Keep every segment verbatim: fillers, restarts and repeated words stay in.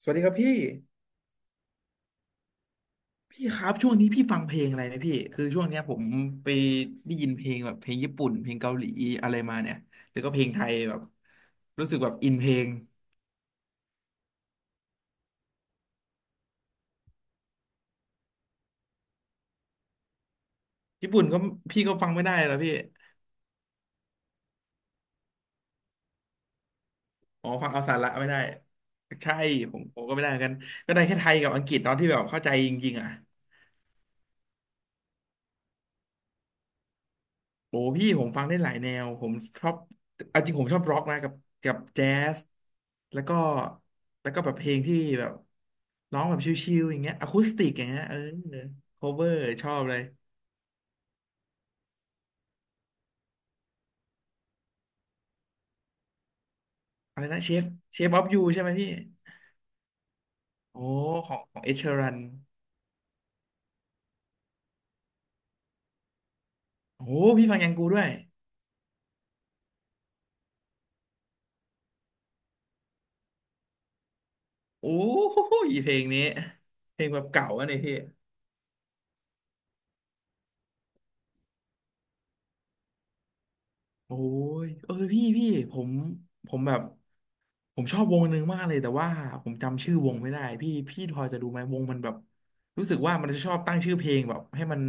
สวัสดีครับพี่พี่ครับช่วงนี้พี่ฟังเพลงอะไรไหมพี่คือช่วงเนี้ยผมไปได้ยินเพลงแบบเพลงญี่ปุ่นเพลงเกาหลีอะไรมาเนี่ยแล้วก็เพลงไทยแบบรู้สึกแบบอินเพลงญี่ปุ่นก็พี่ก็ฟังไม่ได้แล้วพี่อ๋อฟังเอาสาระไม่ได้ใช่ผมผมก็ไม่ได้เหมือนกันก็ได้แค่ไทยกับอังกฤษตอนาะที่แบบเข้าใจจริงๆอ่ะ โอ้พี่ผมฟังได้หลายแนวผมชอบเอาจริงผมชอบร็อกนะกับกับแจ๊สแล้วก็แล้วก็แบบเพลงที่แบบร้องแบบชิลๆอย่างเงี้ยอะคูสติกอย่างเงี้ยเออโคเวอร์ชอบเลยอะไรนะเชฟเชฟออฟยูใช่ไหมพี่โอ้ของของเอชรันโอ้พี่ฟังยังกูด้วยโอ้ยเพลงนี้เพลงแบบเก่าอะเนี่ยพี่โอ้ยเออพี่พี่ผมผมแบบ ผมชอบวงหนึ่งมากเลยแต่ว่าผมจำชื่อวงไม่ได้พี่พี่พอจะดูไหมวงมันแบบรู้สึกว่ามันจะชอบตั้งชื่อเพลงแบบให้มัน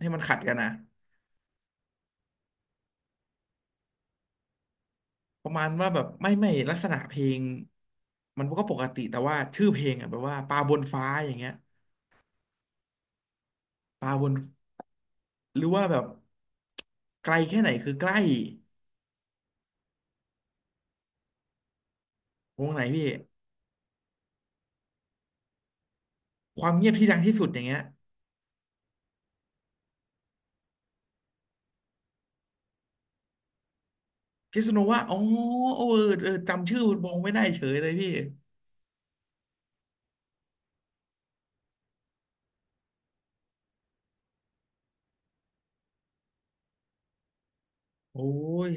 ให้มันขัดกันนะประมาณว่าแบบไม่ไม่ลักษณะเพลงมันก็ปกติแต่ว่าชื่อเพลงอ่ะแบบว่าปลาบนฟ้าอย่างเงี้ยปลาบนหรือว่าแบบไกลแค่ไหนคือใกล้วงไหนพี่ความเงียบที่ดังที่สุดอย่างเงี้ยพิษณุว่าอ๋อเออเออจำชื่อวงไม่ได้เฉยเลยพี่โอ้ย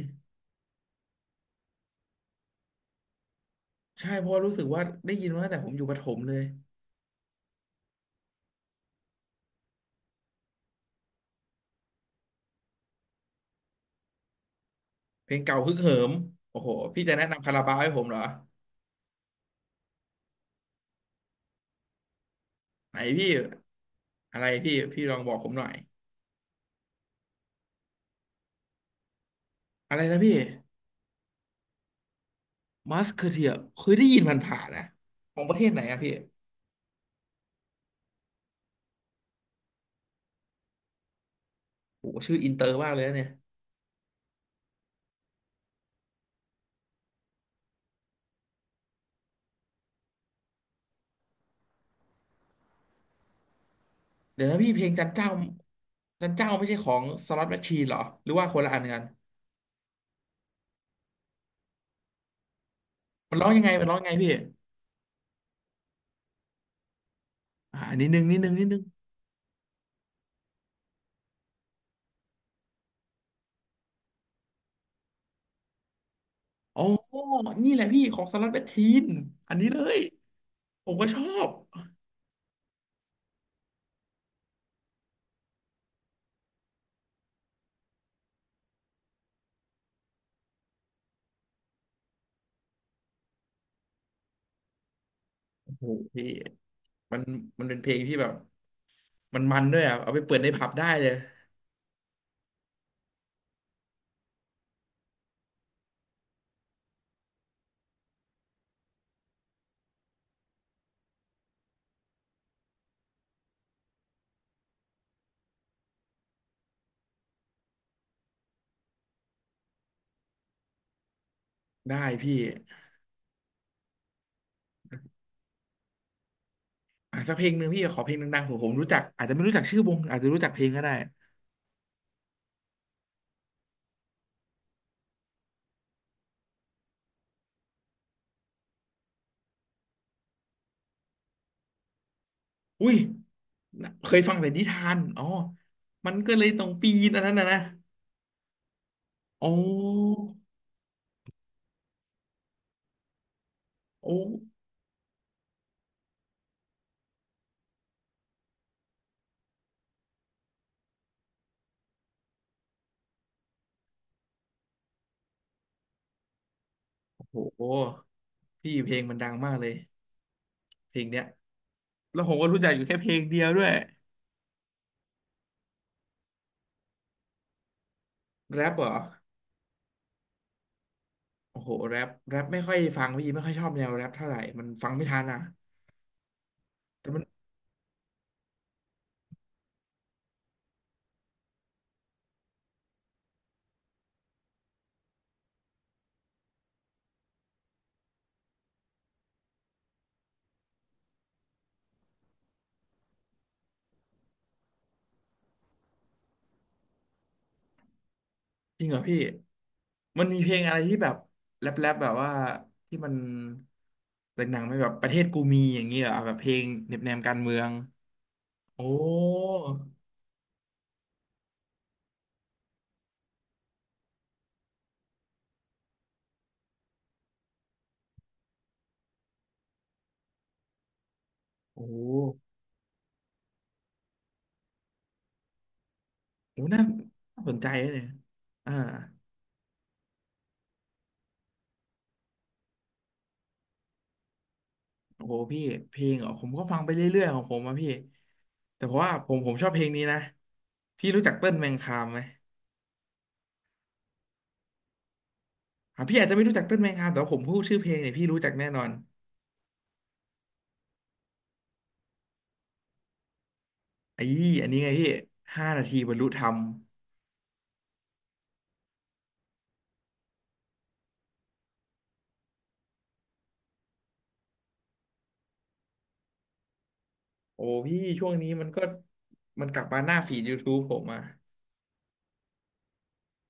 ใช่เพราะ่รู้สึกว่าได้ยินมาตั้งแต่ผมอยู่ประถมเลยเพลงเก่าฮึกเหิมโอ้โหพี่จะแนะนำคาราบาวให้ผมเหรอไหนพี่อะไรพี่พี่ลองบอกผมหน่อยอะไรนะพี่มัสเคอเทียเคยได้ยินผ่านๆนะของประเทศไหนอะพี่โอ้โหชื่ออินเตอร์มากเลยนะเนี่ยเดี๋ยวนะพี่เพลงจันเจ้าจันเจ้าไม่ใช่ของสล็อตแมชชีนเหรอหรือว่าคนละอันกันมันร้องยังไงมันร้องยังไงพี่อ่านิดนึงนิดนึงนิดนึงอ๋อนี่แหละพี่ของสล็อตแมชชีนอันนี้เลยผมก็ชอบโอ้โหพี่ มันมันเป็นเพลงที่แบบมันมันด้วยอ่ะเอาไปเปิดในผับได้เลยได้พี่อ่ะสักเพลงหนึ่งพี่ขอเพลงดังๆผมผมรู้จักอาจจะไม่รู้จักชื่อวงอาจจะรู้จักเพลงก็ได้อุ้ยน่ะเคยฟังแต่นิทานอ๋อมันก็เลยต้องปีนอันนั้นนะนะโอ้โอ้โอ้โหพี่เพลงมันดังมากเลยเพลงเนี้ยแล้วผมก็รู้จักอยู่แค่เพลงเดียวด้วยแรปเหรอโอ้โหแรปแรปไม่ค่อยฟังพี่ไม่ค่อยชอบแนวแรปเท่าไหร่มันฟังไม่ทันอ่ะแต่มัน จริงเหรอพี่มันมีเพลงอะไรที่แบบแรปแรปแบบว่าที่มันเป็นหนังไหมแบบประเทศกูมีอย่างเงี้ยเหรออ่ะแบบเพลงแนบแนมการเมืองโอ้โหโอ้น่าน่าสนใจเลยอ่าโอ้โหพี่เพลงเหรอผมก็ฟังไปเรื่อยๆของผมอะพี่แต่เพราะว่าผมผมชอบเพลงนี้นะพี่รู้จักเติ้ลแมงคามไหมอ่ะพี่อาจจะไม่รู้จักเติ้ลแมงคามแต่ว่าผมพูดชื่อเพลงเนี่ยพี่รู้จักแน่นอนไอ้อันนี้ไงพี่ห้านาทีบรรลุธรรม โอ้พี่ช่วงนี้มันก็มันกลับมาหน้าฟีด YouTube ผมอ่ะ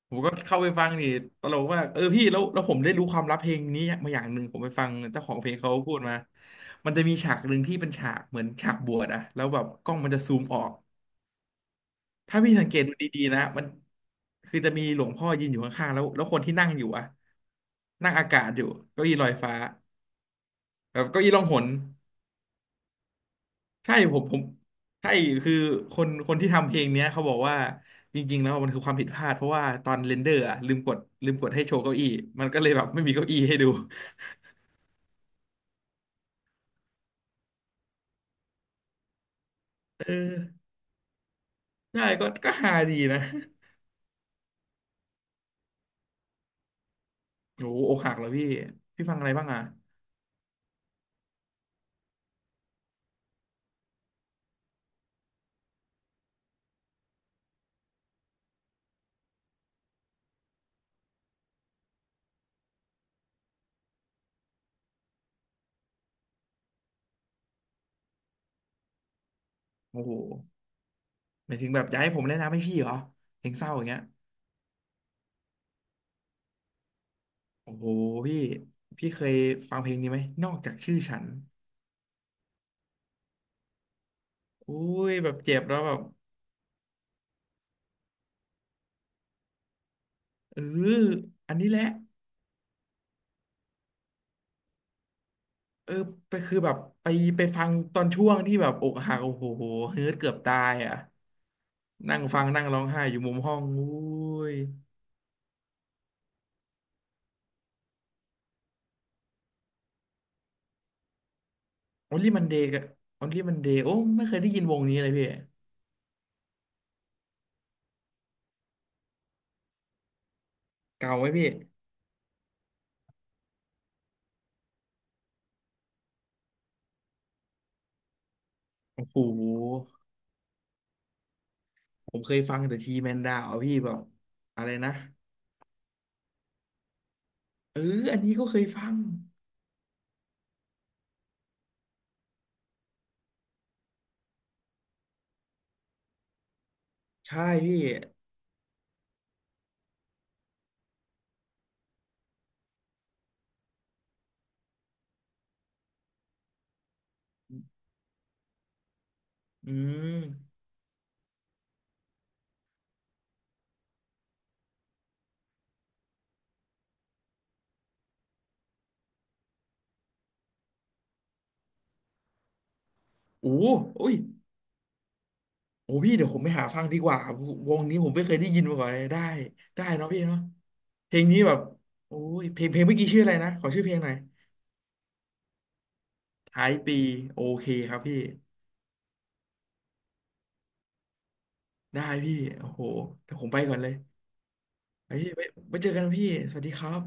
ผมก็เข้าไปฟังนี่ตลกมากเออพี่แล้วแล้วผมได้รู้ความลับเพลงนี้มาอย่างหนึ่งผมไปฟังเจ้าของเพลงเขาพูดมามันจะมีฉากหนึ่งที่เป็นฉากเหมือนฉากบวชอะแล้วแบบกล้องมันจะซูมออกถ้าพี่สังเกตดูดีๆนะมันคือจะมีหลวงพ่อยืนอยู่ข้างๆแล้วแล้วคนที่นั่งอยู่อะนั่งอากาศอยู่เก้าอี้ลอยฟ้าแบบเก้าอี้ล่องหน ใช่ผมผมใช่คือคนคนที่ทำเพลงเนี้ยเขาบอกว่าจริงๆแล้วมันคือความผิดพลาดเพราะว่าตอนเรนเดอร์อะลืมกดลืมกดให้โชว์เก้าอี้มันก็เลยแบบไม่มีเก้าอี้ให้ดูเออใช่ก็ก็ฮาดีนะโอ้โหอกหักเหรอพี่พี่ฟังอะไรบ้างอ่ะโอ้โหหมายถึงแบบอยากให้ผมแนะนำให้พี่เหรอเพลงเศร้าอย่างเงี้ยโอ้โหพี่พี่เคยฟังเพลงนี้ไหมนอกจากชื่อฉันโอ้ยแบบเจ็บแล้วแบบเอออันนี้แหละ เออไปคือแบบไปไปฟังตอนช่วงที่แบบอกหักโอ้โหเฮิร์ตเกือบตายอ่ะนั่งฟังนั่งร้องไห้อยู่มุมห้องอุ้ยออลลี่มันเดกับอี่มันเดโอ้ไม่เคยได้ยินวงนี้เลยพี่เก่าไหมพี่โอ้โหผมเคยฟังแต่ทีแมนดาวพี่แบบอะไรนะเอออันนี้ก็เคยฟังใช่พี่อืมโอ้โหอุ้ย โอ้พี่เดี๋ยวผมไปหาฟังดีกว่าวงนี้ผมไม่เคยได้ยินมาก่อนเลยได้ได้เนาะพี่เนาะเพลงนี้แบบโอ้ยเพลงเพลงเมื่อกี้ชื่ออะไรนะขอชื่อเพลงหน่อยท้ายปีโอเคครับพี่ได้พี่โอ้โหเดี๋ยวผมไปก่อนเลยไปพี่ไว้ไว้เจอกันนะพี่สวัสดีครับ